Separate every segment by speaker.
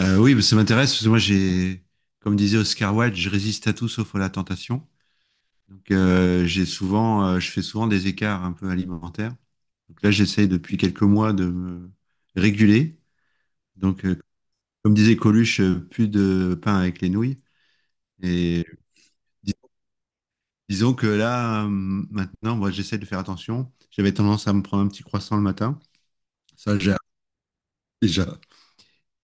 Speaker 1: Oui, ça m'intéresse parce que moi j'ai, comme disait Oscar Wilde, je résiste à tout sauf à la tentation. Donc je fais souvent des écarts un peu alimentaires. Donc là j'essaye depuis quelques mois de me réguler. Donc comme disait Coluche, plus de pain avec les nouilles. Et dis- disons que là maintenant, moi j'essaie de faire attention. J'avais tendance à me prendre un petit croissant le matin. Ça j'ai déjà.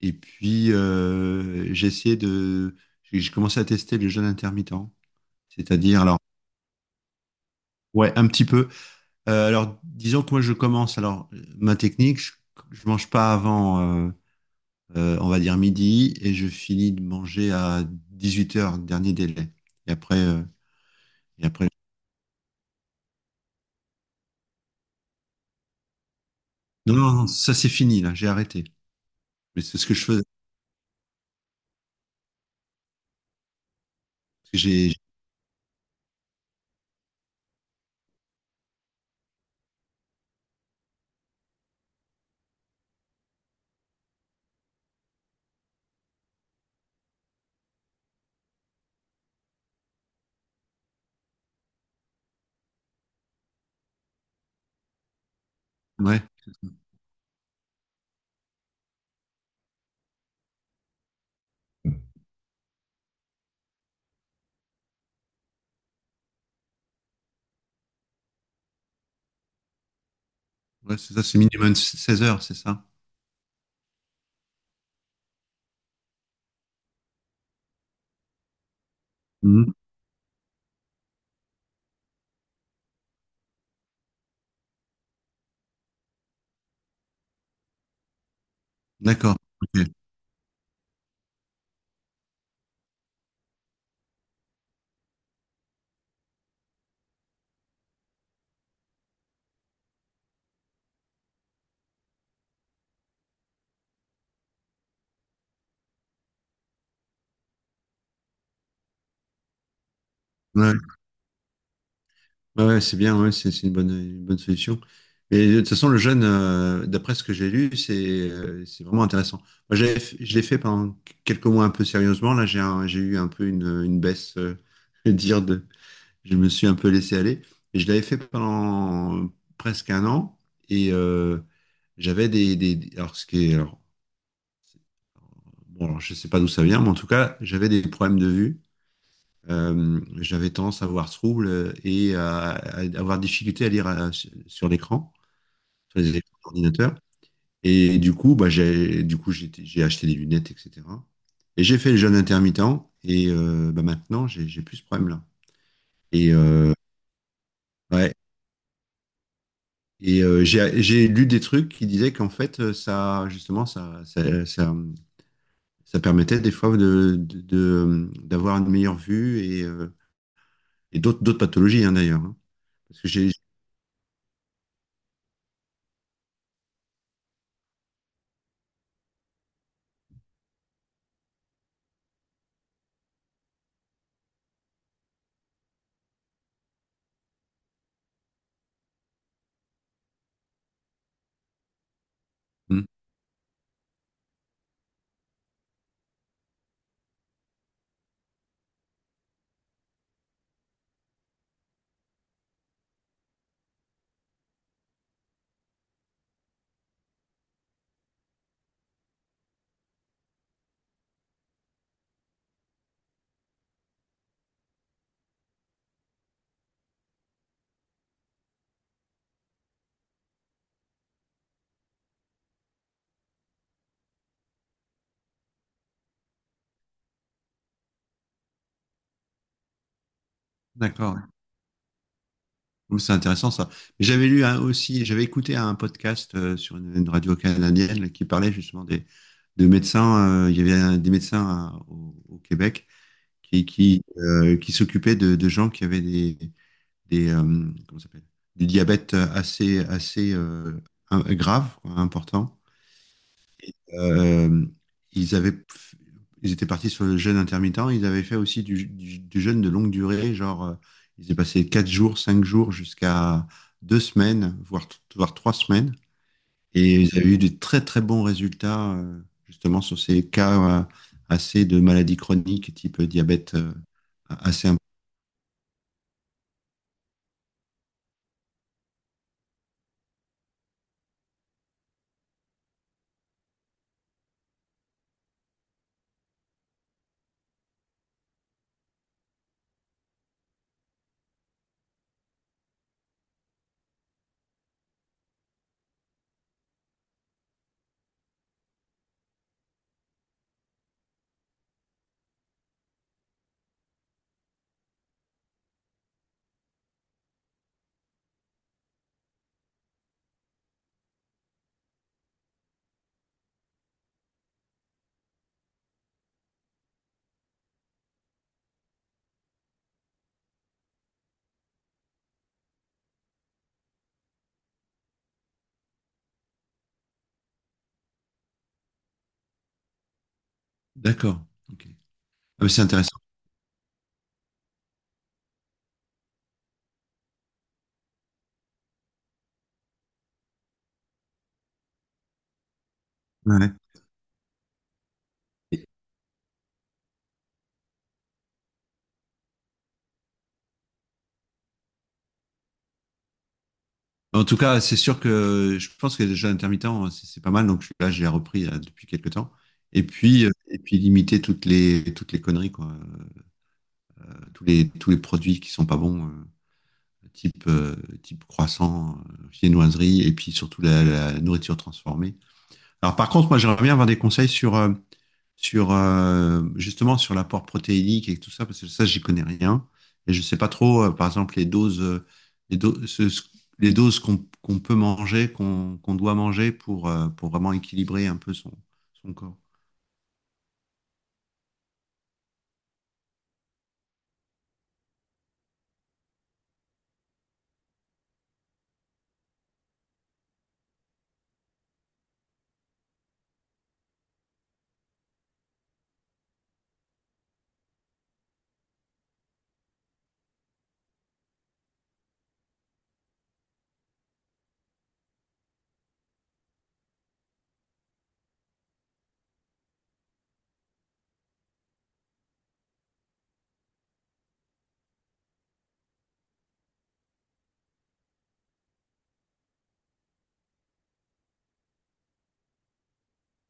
Speaker 1: Et puis j'ai commencé à tester le jeûne intermittent, c'est-à-dire alors ouais, un petit peu. Alors, disons que moi, je commence. Alors, ma technique, je mange pas avant, on va dire midi, et je finis de manger à 18 heures dernier délai. Et après, et après. Non, non, non, ça c'est fini là. J'ai arrêté. Mais c'est ce que je faisais, parce que j'ai, ouais, c'est ça. Ouais, c'est ça. C'est minimum 16 heures, c'est ça. Mhm. D'accord. Ok. Ouais. Ouais, ouais, c'est bien, ouais, c'est une bonne solution. Mais de toute façon, le jeûne, d'après ce que j'ai lu, c'est vraiment intéressant. Moi, je l'ai fait pendant quelques mois un peu sérieusement. Là, j'ai eu un peu une baisse, je veux dire, de, je me suis un peu laissé aller. Et je l'avais fait pendant presque un an. Et j'avais alors, ce qui est... Alors, bon, alors, je sais pas d'où ça vient, mais en tout cas, j'avais des problèmes de vue. J'avais tendance à avoir ce trouble, et à avoir difficulté à lire, sur l'écran, sur les écrans d'ordinateur. Et du coup, bah, du coup, j'ai acheté des lunettes, etc. Et j'ai fait le jeûne intermittent et bah, maintenant, j'ai plus ce problème-là. Et, ouais, et j'ai lu des trucs qui disaient qu'en fait, ça, justement, ça permettait des fois d'avoir une meilleure vue, et d'autres pathologies, hein, d'ailleurs, hein. Parce que j'ai... Hmm. D'accord. Ouh, c'est intéressant ça. J'avais lu aussi, j'avais écouté un podcast, sur une radio canadienne là, qui parlait justement des de médecins. Il y avait des médecins, au Québec, qui s'occupaient de gens qui avaient des, des euh, comment ça s'appelle, du diabète assez assez grave quoi, important, euh, ils avaient, ils étaient partis sur le jeûne intermittent. Ils avaient fait aussi du jeûne de longue durée, genre, ils ont passé 4 jours, 5 jours jusqu'à 2 semaines, voire, voire 3 semaines. Et ils avaient eu des très très bons résultats, justement sur ces cas, assez de maladies chroniques, type diabète, assez important. D'accord. Ok. Ah, mais c'est intéressant. Ouais. En tout cas, c'est sûr que je pense que les jeux intermittents, c'est pas mal. Donc là, je l'ai repris là, depuis quelques temps. Et puis limiter toutes les conneries, quoi. Tous les produits qui sont pas bons, type, type croissant, viennoiserie, et puis surtout la nourriture transformée. Alors par contre, moi j'aimerais bien avoir des conseils sur, sur justement sur l'apport protéinique et tout ça, parce que ça, j'y connais rien. Et je sais pas trop, par exemple, les doses, les do- ce- ce- les doses qu'on peut manger, qu'on doit manger pour vraiment équilibrer un peu son, corps.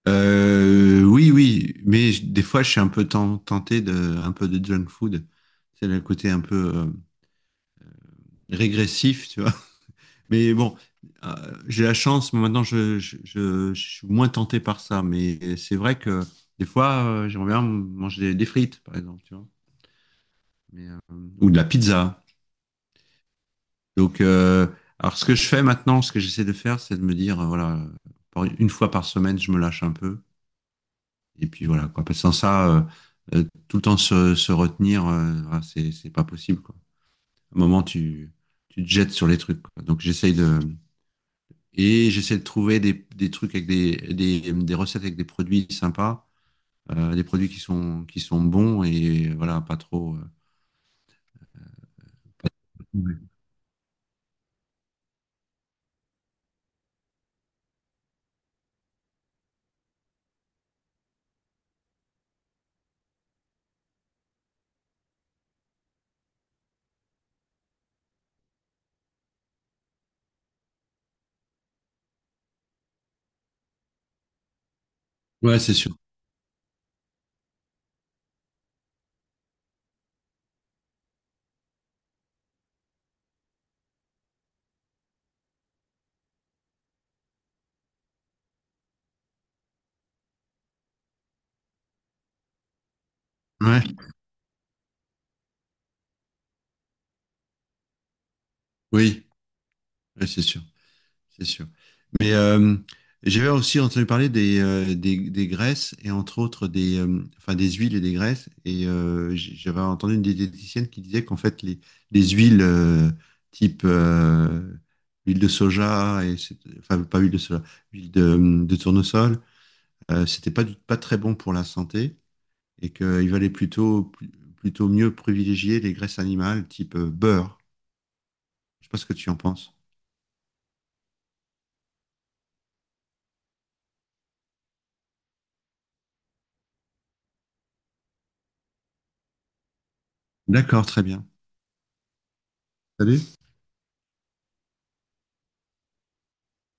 Speaker 1: Oui, oui, mais des fois, je suis un peu tenté de, un peu de junk food. C'est le côté un peu, régressif, tu vois. Mais bon, euh, j'ai la chance, moi, maintenant je suis moins tenté par ça, mais c'est vrai que des fois, j'aimerais bien manger des frites, par exemple, tu vois, mais, ou de la pizza. Donc, alors ce que je fais maintenant, ce que j'essaie de faire, c'est de me dire, voilà, une fois par semaine, je me lâche un peu, et puis voilà, quoi. Parce que sans ça, tout le temps se retenir, voilà, c'est pas possible, quoi. À un moment, tu te jettes sur les trucs, quoi. Donc, j'essaie de trouver des, trucs avec des, des recettes avec des produits sympas, des produits qui sont bons, et voilà, pas trop. Ouais, ouais, c'est sûr. Ouais, oui, ouais, c'est sûr, c'est sûr. Mais j'avais aussi entendu parler des graisses, et entre autres des, enfin, des huiles et des graisses. Et j'avais entendu une diététicienne qui disait qu'en fait, les huiles, type huile de soja, et enfin, pas huile de soja, huile de tournesol, c'était pas très bon pour la santé, et qu'il valait plutôt, plutôt mieux privilégier les graisses animales, type, beurre. Je sais pas ce que tu en penses. D'accord, très bien. Salut.